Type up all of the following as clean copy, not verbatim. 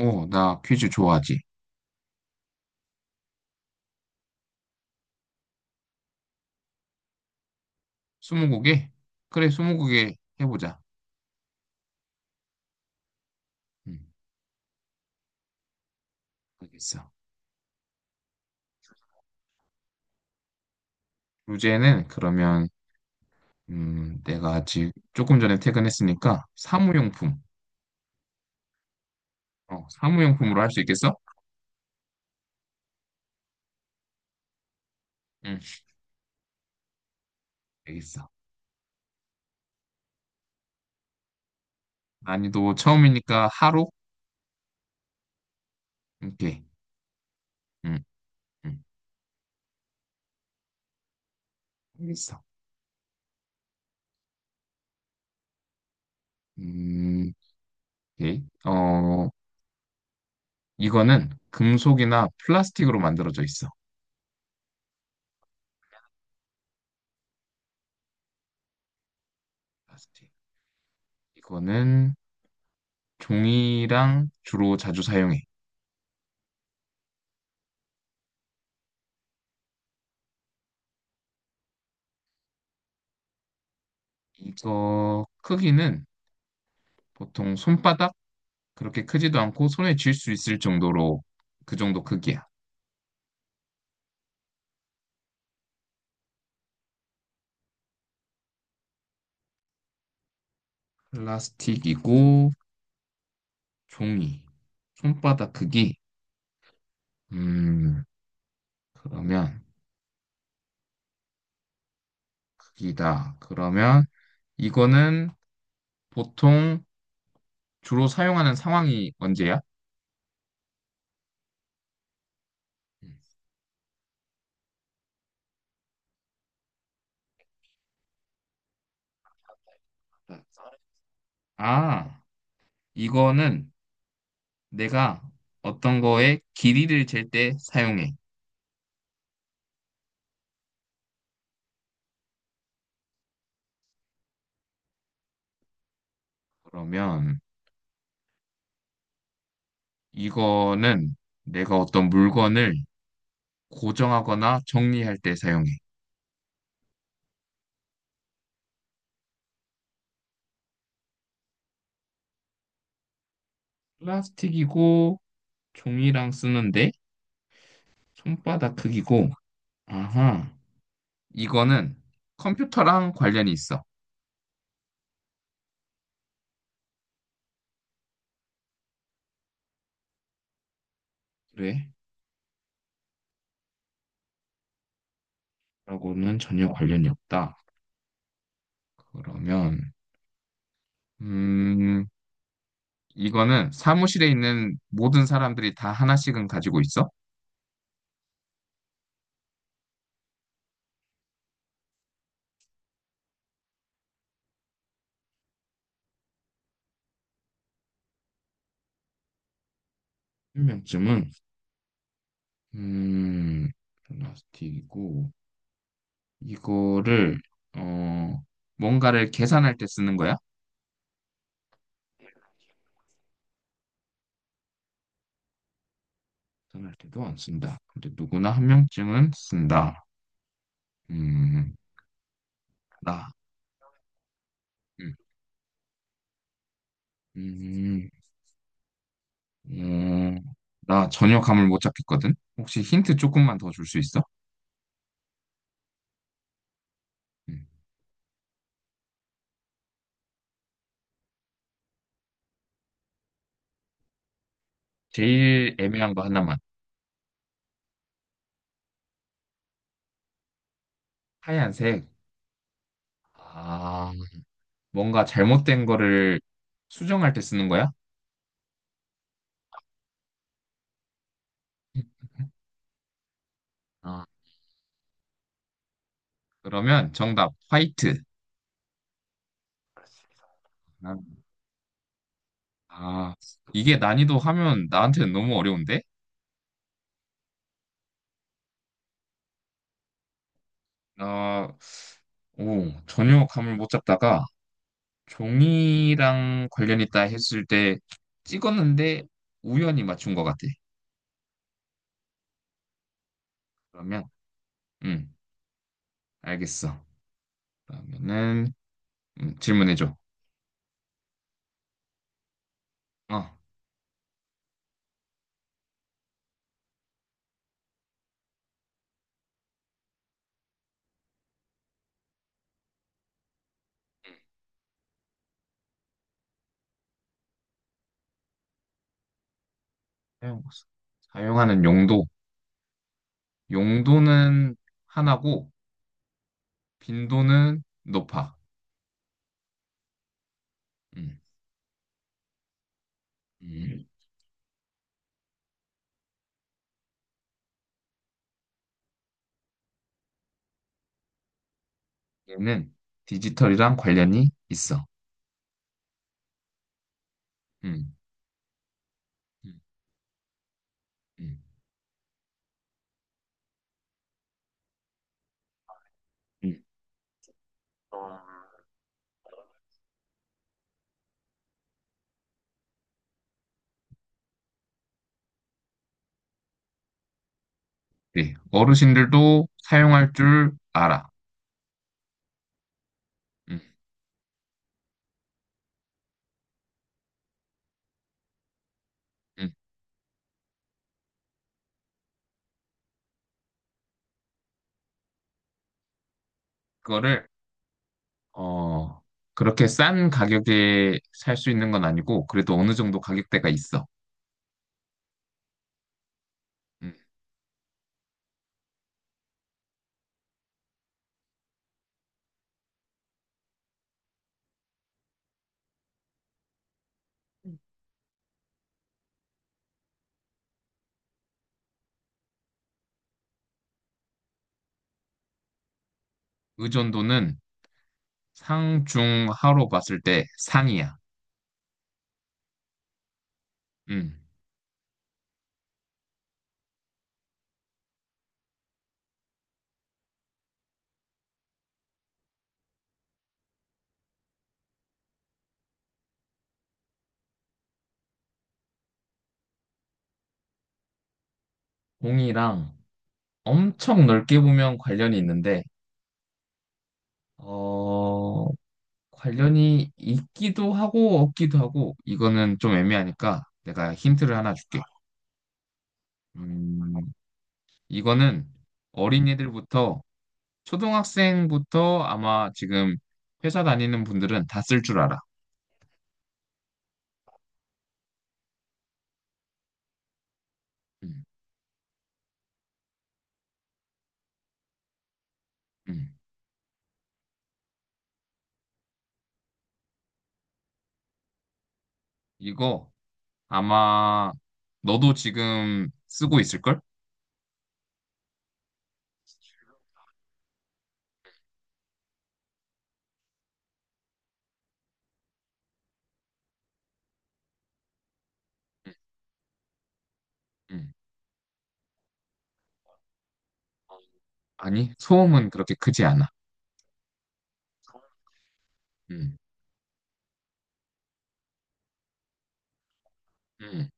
나 퀴즈 좋아하지. 스무고개? 그래, 스무고개 해보자. 음, 알겠어. 주제는 그러면 내가 아직 조금 전에 퇴근했으니까 사무용품. 어, 사무용품으로 할 수 있겠어? 응, 알겠어. 난이도 처음이니까 하루? 오케이. 응, 응, 알겠어. 음, 오케이. 이거는 금속이나 플라스틱으로 만들어져 있어. 플라스틱. 이거는 종이랑 주로 자주 사용해. 이거 크기는 보통 손바닥 그렇게 크지도 않고 손에 쥘 수 있을 정도로 그 정도 크기야. 플라스틱이고 종이. 손바닥 크기. 음, 그러면 크기다. 그러면 이거는 보통 주로 사용하는 상황이 언제야? 음. 아, 이거는 내가 어떤 거에 길이를 잴 때 사용해. 그러면 이거는 내가 어떤 물건을 고정하거나 정리할 때 사용해. 플라스틱이고 종이랑 쓰는데 손바닥 크기고 아하 이거는 컴퓨터랑 관련이 있어. 그래? 라고는 전혀 관련이 없다. 그러면 음 이거는 사무실에 있는 모든 사람들이 다 하나씩은 가지고 있어? 한 명쯤은. 음 플라스틱이고 이거를 어 뭔가를 계산할 때 쓰는 거야? 계산할 때도 안 쓴다 근데 누구나 한 명쯤은 쓴다. 음, 나, 음, 음, 음, 나 전혀 감을 못 잡겠거든? 혹시 힌트 조금만 더 줄 수 있어? 음, 제일 애매한 거 하나만. 하얀색. 아, 뭔가 잘못된 거를 수정할 때 쓰는 거야? 아, 그러면 정답, 화이트. 아, 아, 이게 난이도 하면 나한테는 너무 어려운데? 아, 오, 전혀 감을 못 잡다가 종이랑 관련 있다 했을 때 찍었는데 우연히 맞춘 것 같아. 그러면, 음, 알겠어. 그러면은, 질문해줘. 어, 사용, 사용하는 용도. 용도는 하나고, 빈도는 높아. 음, 음. 얘는 디지털이랑 관련이 있어. 음, 음, 음, 음. 어, 네, 어르신들도 사용할 줄 알아. 음, 음. 그거를 어, 그렇게 싼 가격에 살 수 있는 건 아니고, 그래도 어느 정도 가격대가 있어. 음. 의존도는 상, 중, 하로 봤을 때 상이야. 음. 공이랑 엄청 넓게 보면 관련이 있는데, 어, 관련이 있기도 하고, 없기도 하고, 이거는 좀 애매하니까 내가 힌트를 하나 줄게. 음, 이거는 어린이들부터, 초등학생부터 아마 지금 회사 다니는 분들은 다 쓸 줄 알아. 음, 음. 이거 아마 너도 지금 쓰고 있을걸? 음, 음. 아니, 소음은 그렇게 크지 않아. 음, 음.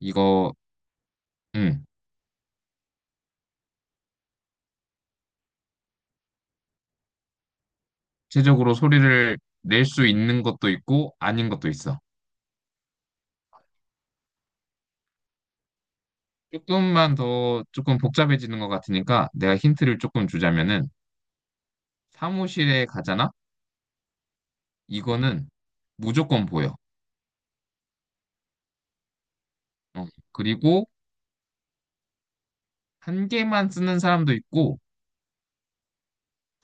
이거, 음. 최적으로 소리를 낼 수 있는 것도 있고, 아닌 것도 있어. 조금만 더, 조금 복잡해지는 것 같으니까, 내가 힌트를 조금 주자면은, 사무실에 가잖아? 이거는 무조건 보여. 어. 그리고, 한 개만 쓰는 사람도 있고,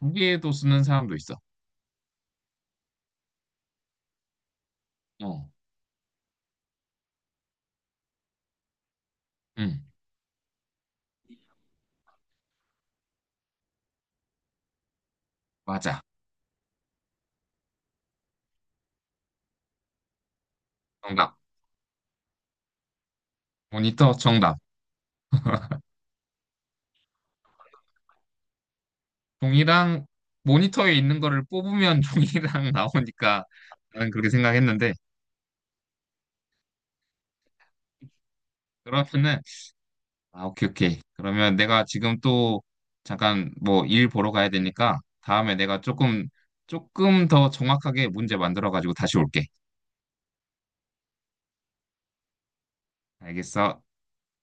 두 개도 쓰는 사람도 있어. 어, 음, 맞아. 정답. 모니터 정답. 종이랑 모니터에 있는 거를 뽑으면 종이랑 나오니까 나는 그렇게 생각했는데 그러면은 아 오케이 오케이. 그러면 내가 지금 또 잠깐 뭐 일 보러 가야 되니까 다음에 내가 조금 더 정확하게 문제 만들어 가지고 다시 올게. 알겠어.